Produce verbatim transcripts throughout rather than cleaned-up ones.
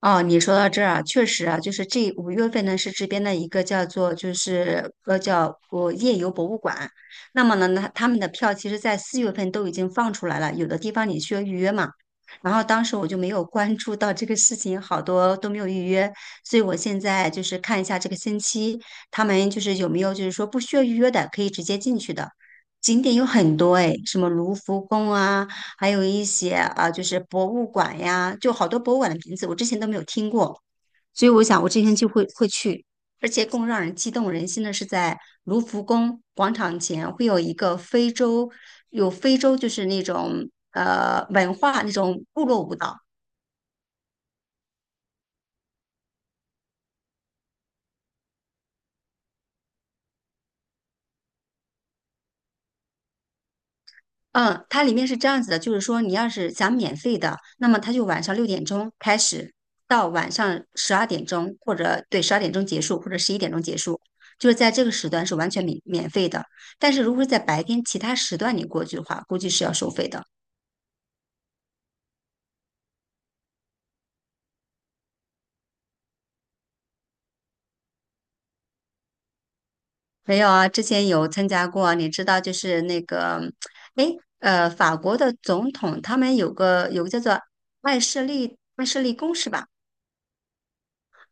哦，你说到这儿啊，确实啊，就是这五月份呢是这边的一个叫做就是呃叫我夜游博物馆。那么呢，那他们的票其实在四月份都已经放出来了，有的地方你需要预约嘛。然后当时我就没有关注到这个事情，好多都没有预约，所以我现在就是看一下这个星期他们就是有没有就是说不需要预约的，可以直接进去的景点有很多诶，什么卢浮宫啊。还有一些啊，就是博物馆呀，就好多博物馆的名字我之前都没有听过，所以我想我之天就会会去。而且更让人激动人心的是，在卢浮宫广场前会有一个非洲，有非洲就是那种呃文化那种部落舞蹈。嗯，它里面是这样子的，就是说你要是想免费的，那么它就晚上六点钟开始，到晚上十二点钟，或者对十二点钟结束，或者十一点钟结束，就是在这个时段是完全免免费的。但是如果是在白天其他时段你过去的话，估计是要收费的。没有啊，之前有参加过，你知道就是那个。哎，呃，法国的总统他们有个有个叫做爱舍利爱舍利宫是吧？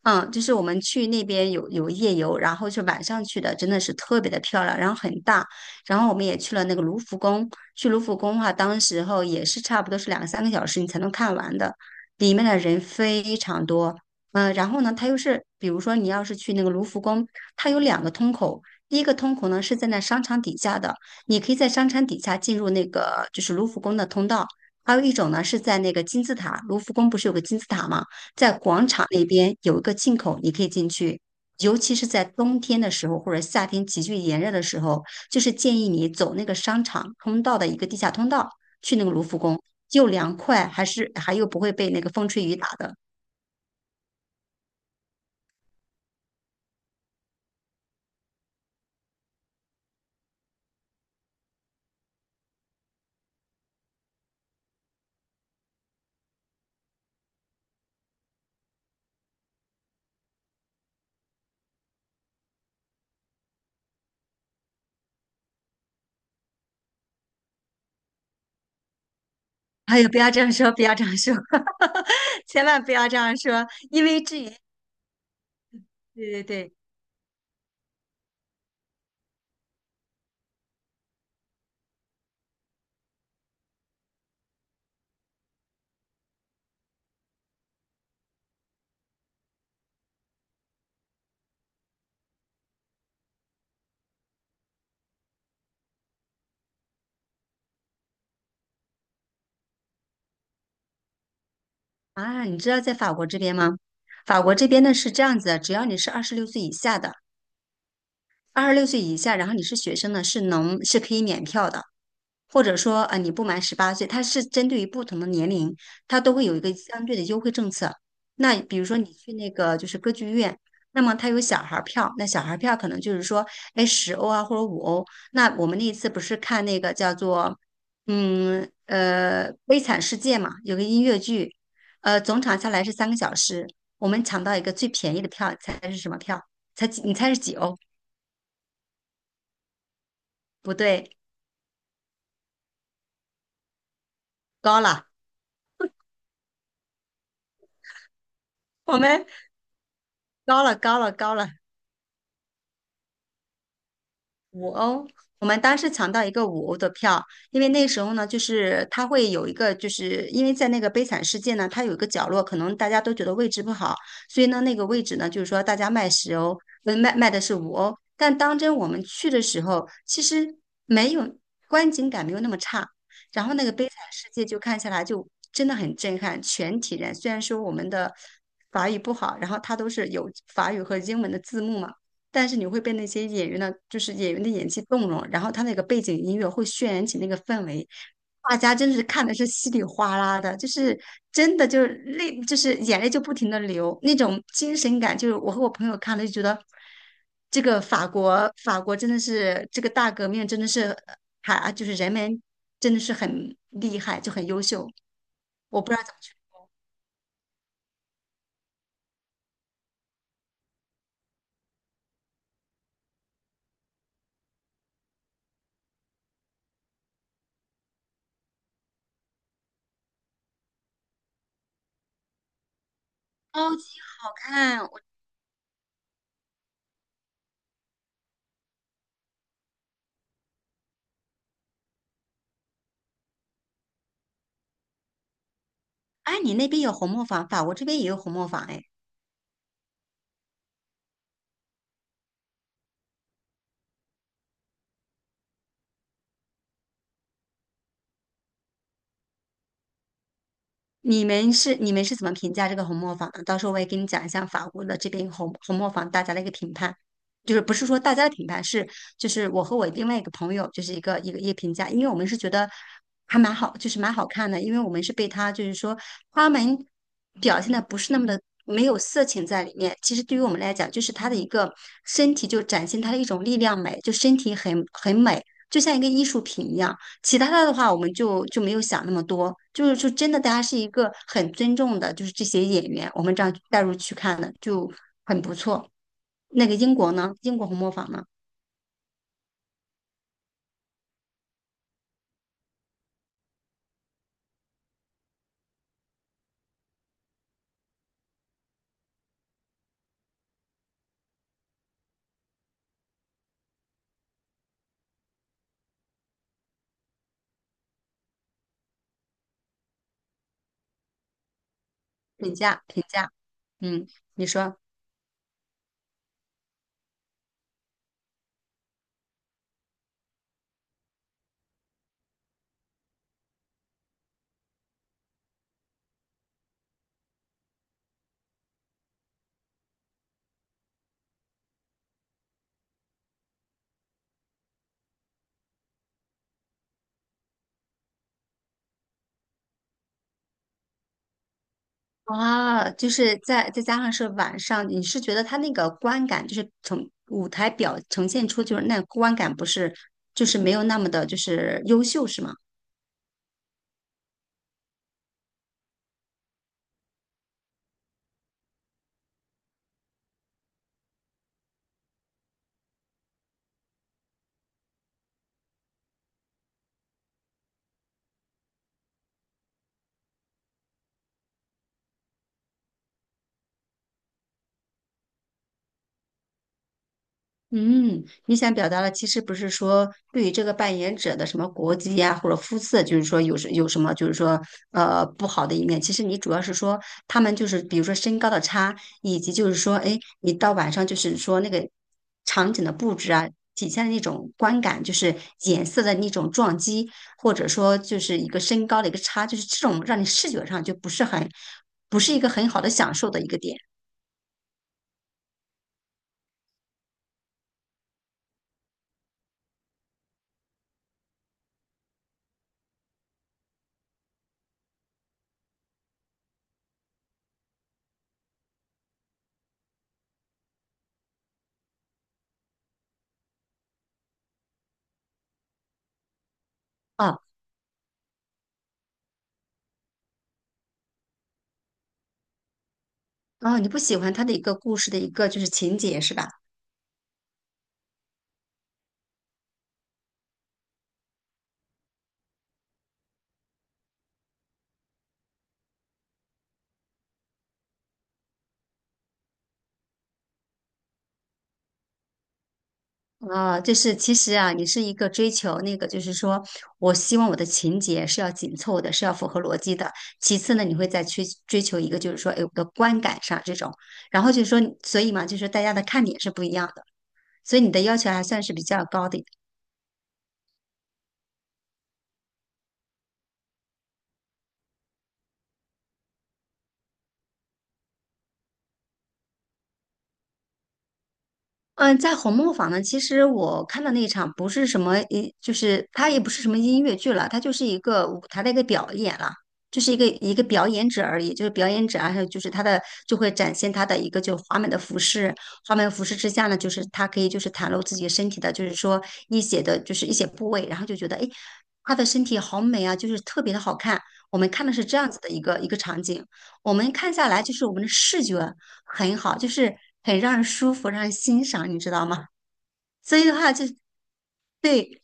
嗯，就是我们去那边有有夜游，然后是晚上去的，真的是特别的漂亮，然后很大。然后我们也去了那个卢浮宫。去卢浮宫的话，当时候也是差不多是两三个小时你才能看完的，里面的人非常多。嗯、然后呢，它又是比如说你要是去那个卢浮宫，它有两个通口。第一个通口呢是在那商场底下的，你可以在商场底下进入那个就是卢浮宫的通道。还有一种呢是在那个金字塔，卢浮宫不是有个金字塔吗？在广场那边有一个进口，你可以进去。尤其是在冬天的时候，或者夏天急剧炎热的时候，就是建议你走那个商场通道的一个地下通道，去那个卢浮宫，又凉快，还是还又不会被那个风吹雨打的。哎呦，不要这样说，不要这样说。千万不要这样说，因为至于，对对对。啊，你知道在法国这边吗？法国这边呢是这样子的，只要你是二十六岁以下的，二十六岁以下，然后你是学生呢，是能是可以免票的。或者说呃你不满十八岁，它是针对于不同的年龄，它都会有一个相对的优惠政策。那比如说你去那个就是歌剧院，那么它有小孩儿票，那小孩儿票可能就是说，哎，十欧啊或者五欧。那我们那一次不是看那个叫做嗯呃《悲惨世界》嘛，有个音乐剧。呃，总场下来是三个小时，我们抢到一个最便宜的票，猜是什么票？猜你猜是几欧？不对，高了，我们高了，高了，高了。五欧，我们当时抢到一个五欧的票。因为那时候呢，就是它会有一个，就是因为在那个悲惨世界呢，它有一个角落，可能大家都觉得位置不好，所以呢，那个位置呢，就是说大家卖十欧，呃，卖卖的是五欧。但当真我们去的时候，其实没有观景感没有那么差。然后那个悲惨世界就看下来就真的很震撼，全体人虽然说我们的法语不好，然后它都是有法语和英文的字幕嘛。但是你会被那些演员的，就是演员的演技动容，然后他那个背景音乐会渲染起那个氛围，大家真是看的是稀里哗啦的，就是真的就是泪，就是眼泪就不停的流，那种精神感，就是我和我朋友看了就觉得，这个法国法国真的是这个大革命真的是还就是人们真的是很厉害，就很优秀。我不知道怎么去，超级好看，我。哎，你那边有红磨坊，法国这边也有红磨坊哎。你们是你们是怎么评价这个红磨坊的？到时候我也给你讲一下法国的这边红红磨坊大家的一个评判，就是不是说大家的评判，是就是我和我另外一个朋友就是一个一个一个评价。因为我们是觉得还蛮好，就是蛮好看的，因为我们是被他就是说花们表现的不是那么的没有色情在里面，其实对于我们来讲，就是他的一个身体就展现他的一种力量美，就身体很很美，就像一个艺术品一样。其他的的话，我们就就没有想那么多，就是就真的，大家是一个很尊重的，就是这些演员，我们这样带入去看的，就很不错。那个英国呢？英国红磨坊呢？评价评价。嗯，你说啊，就是再再加上是晚上，你是觉得他那个观感，就是从舞台表呈现出，就是那观感不是，就是没有那么的，就是优秀，是吗？嗯，你想表达的其实不是说对于这个扮演者的什么国籍呀、或者肤色，就是说有什有什么就是说呃不好的一面。其实你主要是说他们就是比如说身高的差，以及就是说哎，你到晚上就是说那个场景的布置啊，体现的那种观感，就是颜色的那种撞击，或者说就是一个身高的一个差，就是这种让你视觉上就不是很不是一个很好的享受的一个点啊。啊，你不喜欢他的一个故事的一个就是情节是吧？啊，就是其实啊，你是一个追求那个，就是说我希望我的情节是要紧凑的，是要符合逻辑的。其次呢，你会再去追求一个，就是说，哎，我的观感上这种。然后就是说，所以嘛，就是大家的看点是不一样的，所以你的要求还算是比较高的。嗯，在《红磨坊》呢，其实我看的那一场不是什么音，就是它也不是什么音乐剧了，它就是一个舞台的一个表演了，就是一个一个表演者而已，就是表演者啊，还有就是他的就会展现他的一个就华美的服饰。华美的服饰之下呢，就是他可以就是袒露自己身体的，就是说一些的就是一些部位，然后就觉得诶，他的身体好美啊，就是特别的好看。我们看的是这样子的一个一个场景。我们看下来就是我们的视觉。很好，就是很让人舒服，让人欣赏，你知道吗？所以的话就，对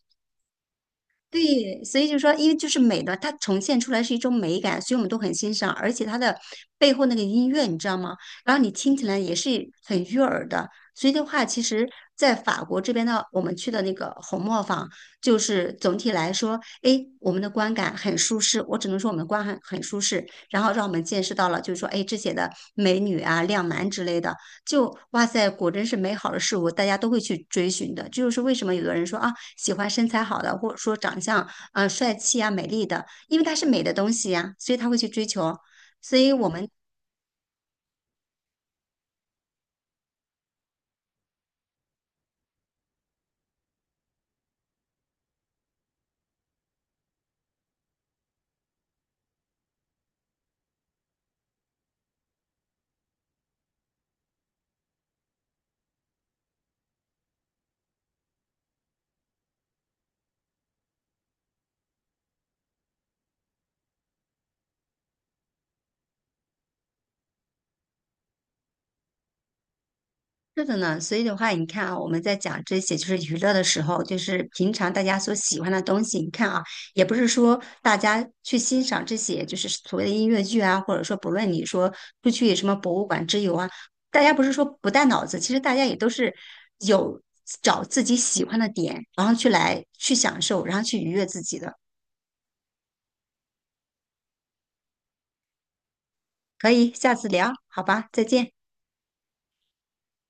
对，所以就说，因为就是美的，它呈现出来是一种美感，所以我们都很欣赏，而且它的背后那个音乐，你知道吗？然后你听起来也是很悦耳的。所以的话，其实，在法国这边呢，我们去的那个红磨坊，就是总体来说，哎，我们的观感很舒适。我只能说我们的观感很舒适，然后让我们见识到了，就是说，哎，这些的美女啊、靓男之类的。就哇塞，果真是美好的事物，大家都会去追寻的。这就是为什么有的人说啊，喜欢身材好的，或者说长相啊、帅气啊、美丽的，因为它是美的东西呀、所以他会去追求。所以我们是的呢，所以的话，你看啊，我们在讲这些就是娱乐的时候，就是平常大家所喜欢的东西。你看啊，也不是说大家去欣赏这些就是所谓的音乐剧啊，或者说不论你说出去什么博物馆之游啊，大家不是说不带脑子，其实大家也都是有找自己喜欢的点，然后去来去享受，然后去愉悦自己的。可以，下次聊，好吧，再见，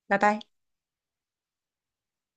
拜拜。